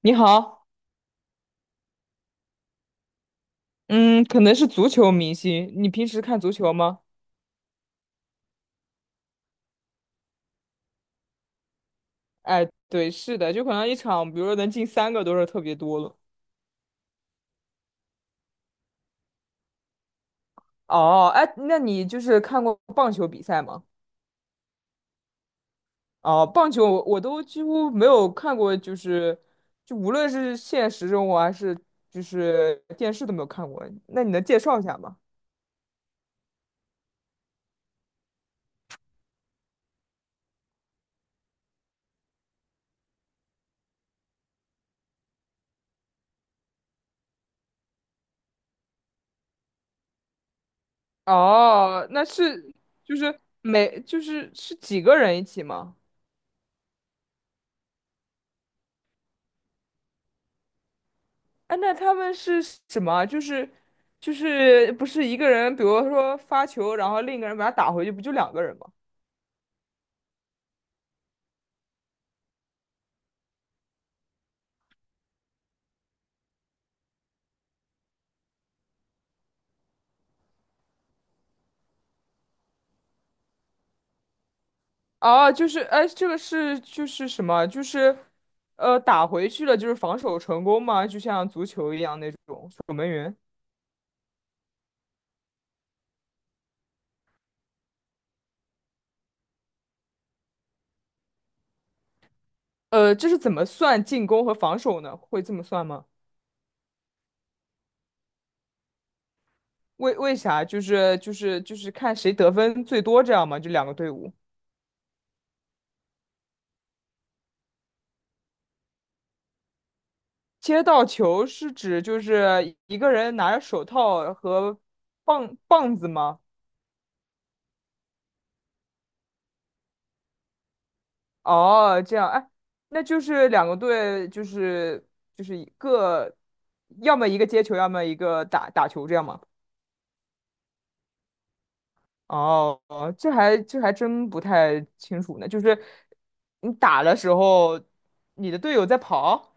你好。嗯，可能是足球明星。你平时看足球吗？哎，对，是的，就可能一场，比如说能进三个都是特别多了。哦，哎，那你就是看过棒球比赛吗？哦，棒球我都几乎没有看过，就是无论是现实生活还是就是电视都没有看过。那你能介绍一下吗？哦，那是就是每就是是几个人一起吗？哎，那他们是什么啊就是不是一个人，比如说发球，然后另一个人把他打回去，不就两个人吗？哦，就是哎，这个是就是什么？就是打回去了，就是防守成功吗？就像足球一样那种守门员。呃，这是怎么算进攻和防守呢？会这么算吗？为啥？就是看谁得分最多这样吗？就两个队伍。接到球是指就是一个人拿着手套和棒子吗？哦，这样，哎，那就是两个队，就是就是一个，要么一个接球，要么一个打球，这样吗？哦，这还真不太清楚呢。就是你打的时候，你的队友在跑。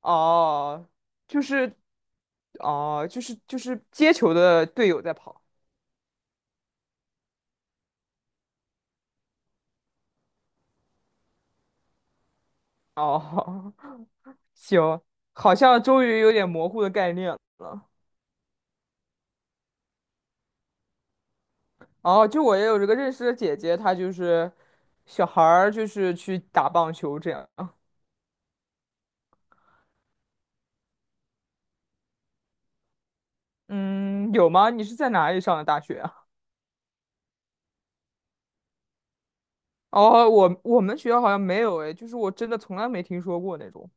哦，就是哦，就是接球的队友在跑。哦，行，好像终于有点模糊的概念了。哦，就我也有这个认识的姐姐，她就是小孩儿，就是去打棒球这样。嗯，有吗？你是在哪里上的大学啊？哦，我们学校好像没有诶，就是我真的从来没听说过那种。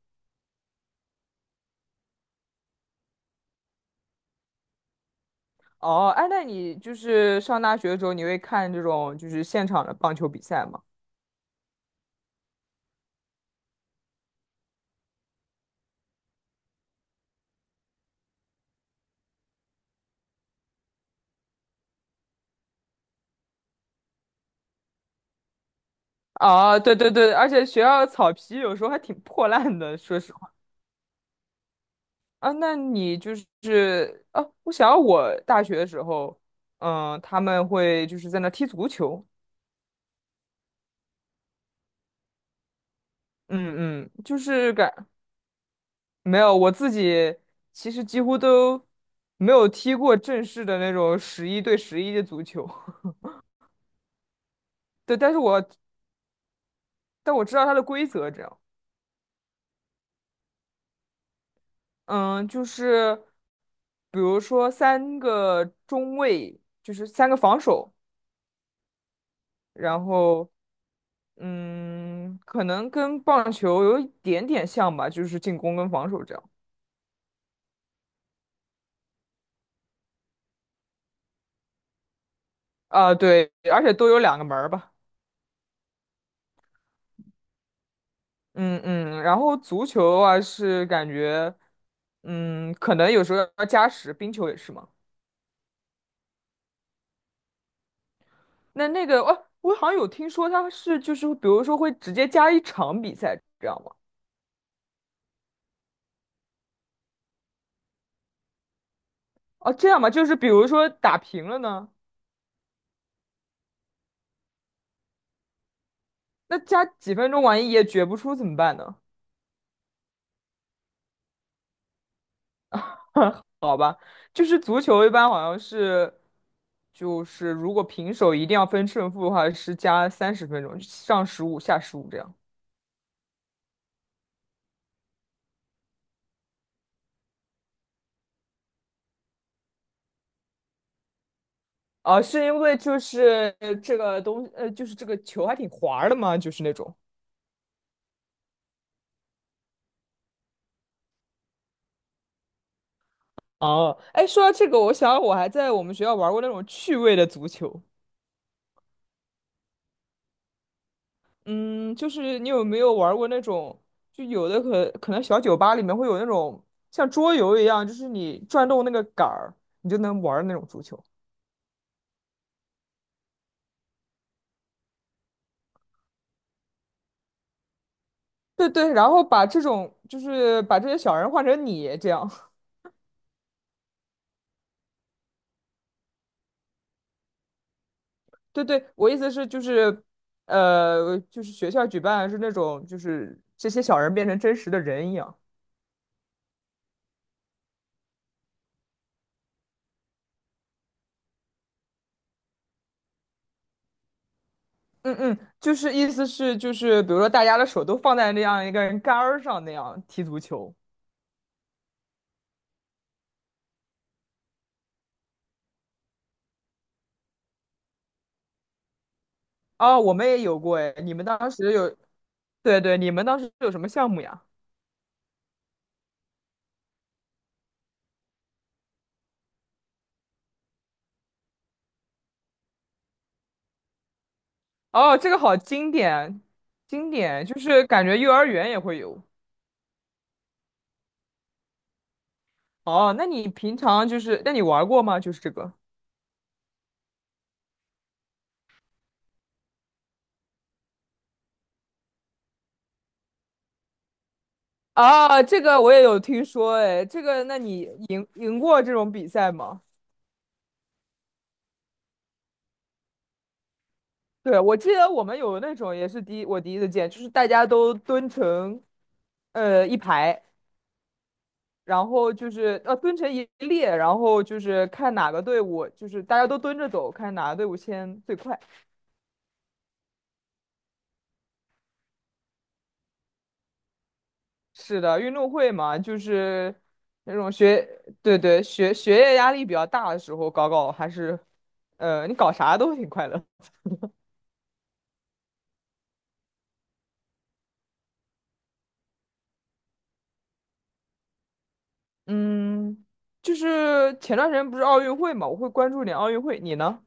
哦，哎，那你就是上大学的时候，你会看这种就是现场的棒球比赛吗？啊，对对对，而且学校的草皮有时候还挺破烂的，说实话。啊，那你就是啊，我想要我大学的时候，嗯，他们会就是在那踢足球。嗯嗯，就是感，没有，我自己其实几乎都没有踢过正式的那种11对11的足球。对，但是我但我知道它的规则，这样。嗯，就是比如说三个中卫，就是三个防守，然后嗯，可能跟棒球有一点点像吧，就是进攻跟防守这样。啊，对，而且都有两个门儿吧。嗯嗯，然后足球的话是感觉，嗯，可能有时候要加时，冰球也是嘛。那那个，哦，我好像有听说他是就是比如说会直接加一场比赛这样吗？哦，这样吗？就是比如说打平了呢，那加几分钟万一也决不出怎么办呢？好吧，就是足球一般好像是，就是如果平手一定要分胜负的话是加30分钟，上15下15这样。啊，是因为就是这个东，就是这个球还挺滑儿的嘛，就是那种。哦，哎，说到这个，我想我还在我们学校玩过那种趣味的足球。嗯，就是你有没有玩过那种，就有的可能小酒吧里面会有那种像桌游一样，就是你转动那个杆儿，你就能玩儿的那种足球。对对，然后把这种就是把这些小人换成你这样。对对，我意思是就是，就是学校举办是那种，就是这些小人变成真实的人一样。嗯嗯，就是意思是就是，比如说大家的手都放在那样一个人杆儿上那样踢足球。哦，我们也有过哎，你们当时有。对对，你们当时有什么项目呀？哦，这个好经典。经典，就是感觉幼儿园也会有。哦，那你平常就是，那你玩过吗？就是这个。啊，这个我也有听说，哎，这个，那你赢过这种比赛吗？对，我记得我们有那种也是第一，我第一次见，就是大家都蹲成一排，然后就是蹲成一列，然后就是看哪个队伍，就是大家都蹲着走，看哪个队伍先最快。是的，运动会嘛，就是那种学，对对，学业压力比较大的时候搞搞，还是你搞啥都挺快乐。嗯，就是前段时间不是奥运会嘛，我会关注点奥运会。你呢？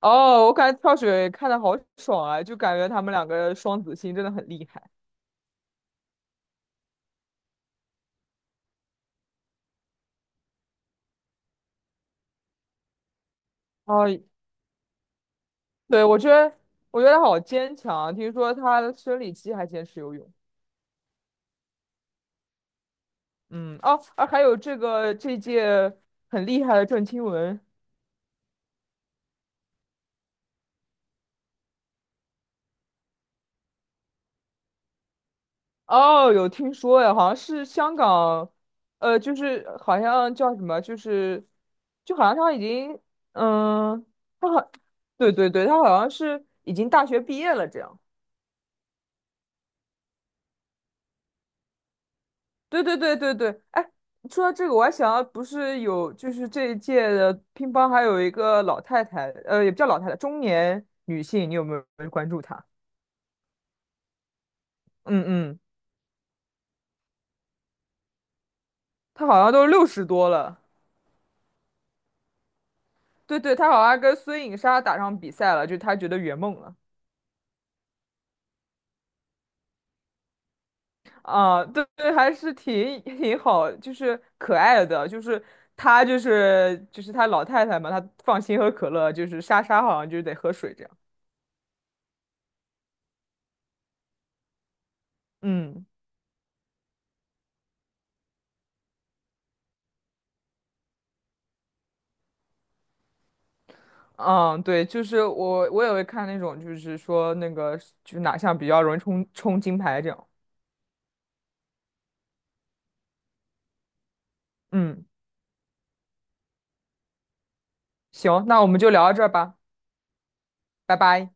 哦，我感觉跳水看的好爽啊，就感觉他们两个双子星真的很厉害。哦，对，我觉得他好坚强啊。听说他的生理期还坚持游泳。嗯，哦，啊，还有这个这届很厉害的郑钦文。哦，有听说呀，好像是香港，就是好像叫什么，就是就好像他已经，嗯，他好，对对对，他好像是已经大学毕业了这样。对对对对对，哎，说到这个，我还想到，不是有就是这一届的乒乓还有一个老太太，也不叫老太太，中年女性，你有没有关注她？嗯嗯，她好像都60多了。对对，她好像跟孙颖莎打上比赛了，就她觉得圆梦了。啊，对对，还是挺好，就是可爱的，就是她就是就是她老太太嘛，她放心喝可乐，就是莎莎好像就是得喝水这样。嗯嗯，对，就是我也会看那种，就是说那个就是哪项比较容易冲金牌这样。嗯，行，那我们就聊到这儿吧。拜拜。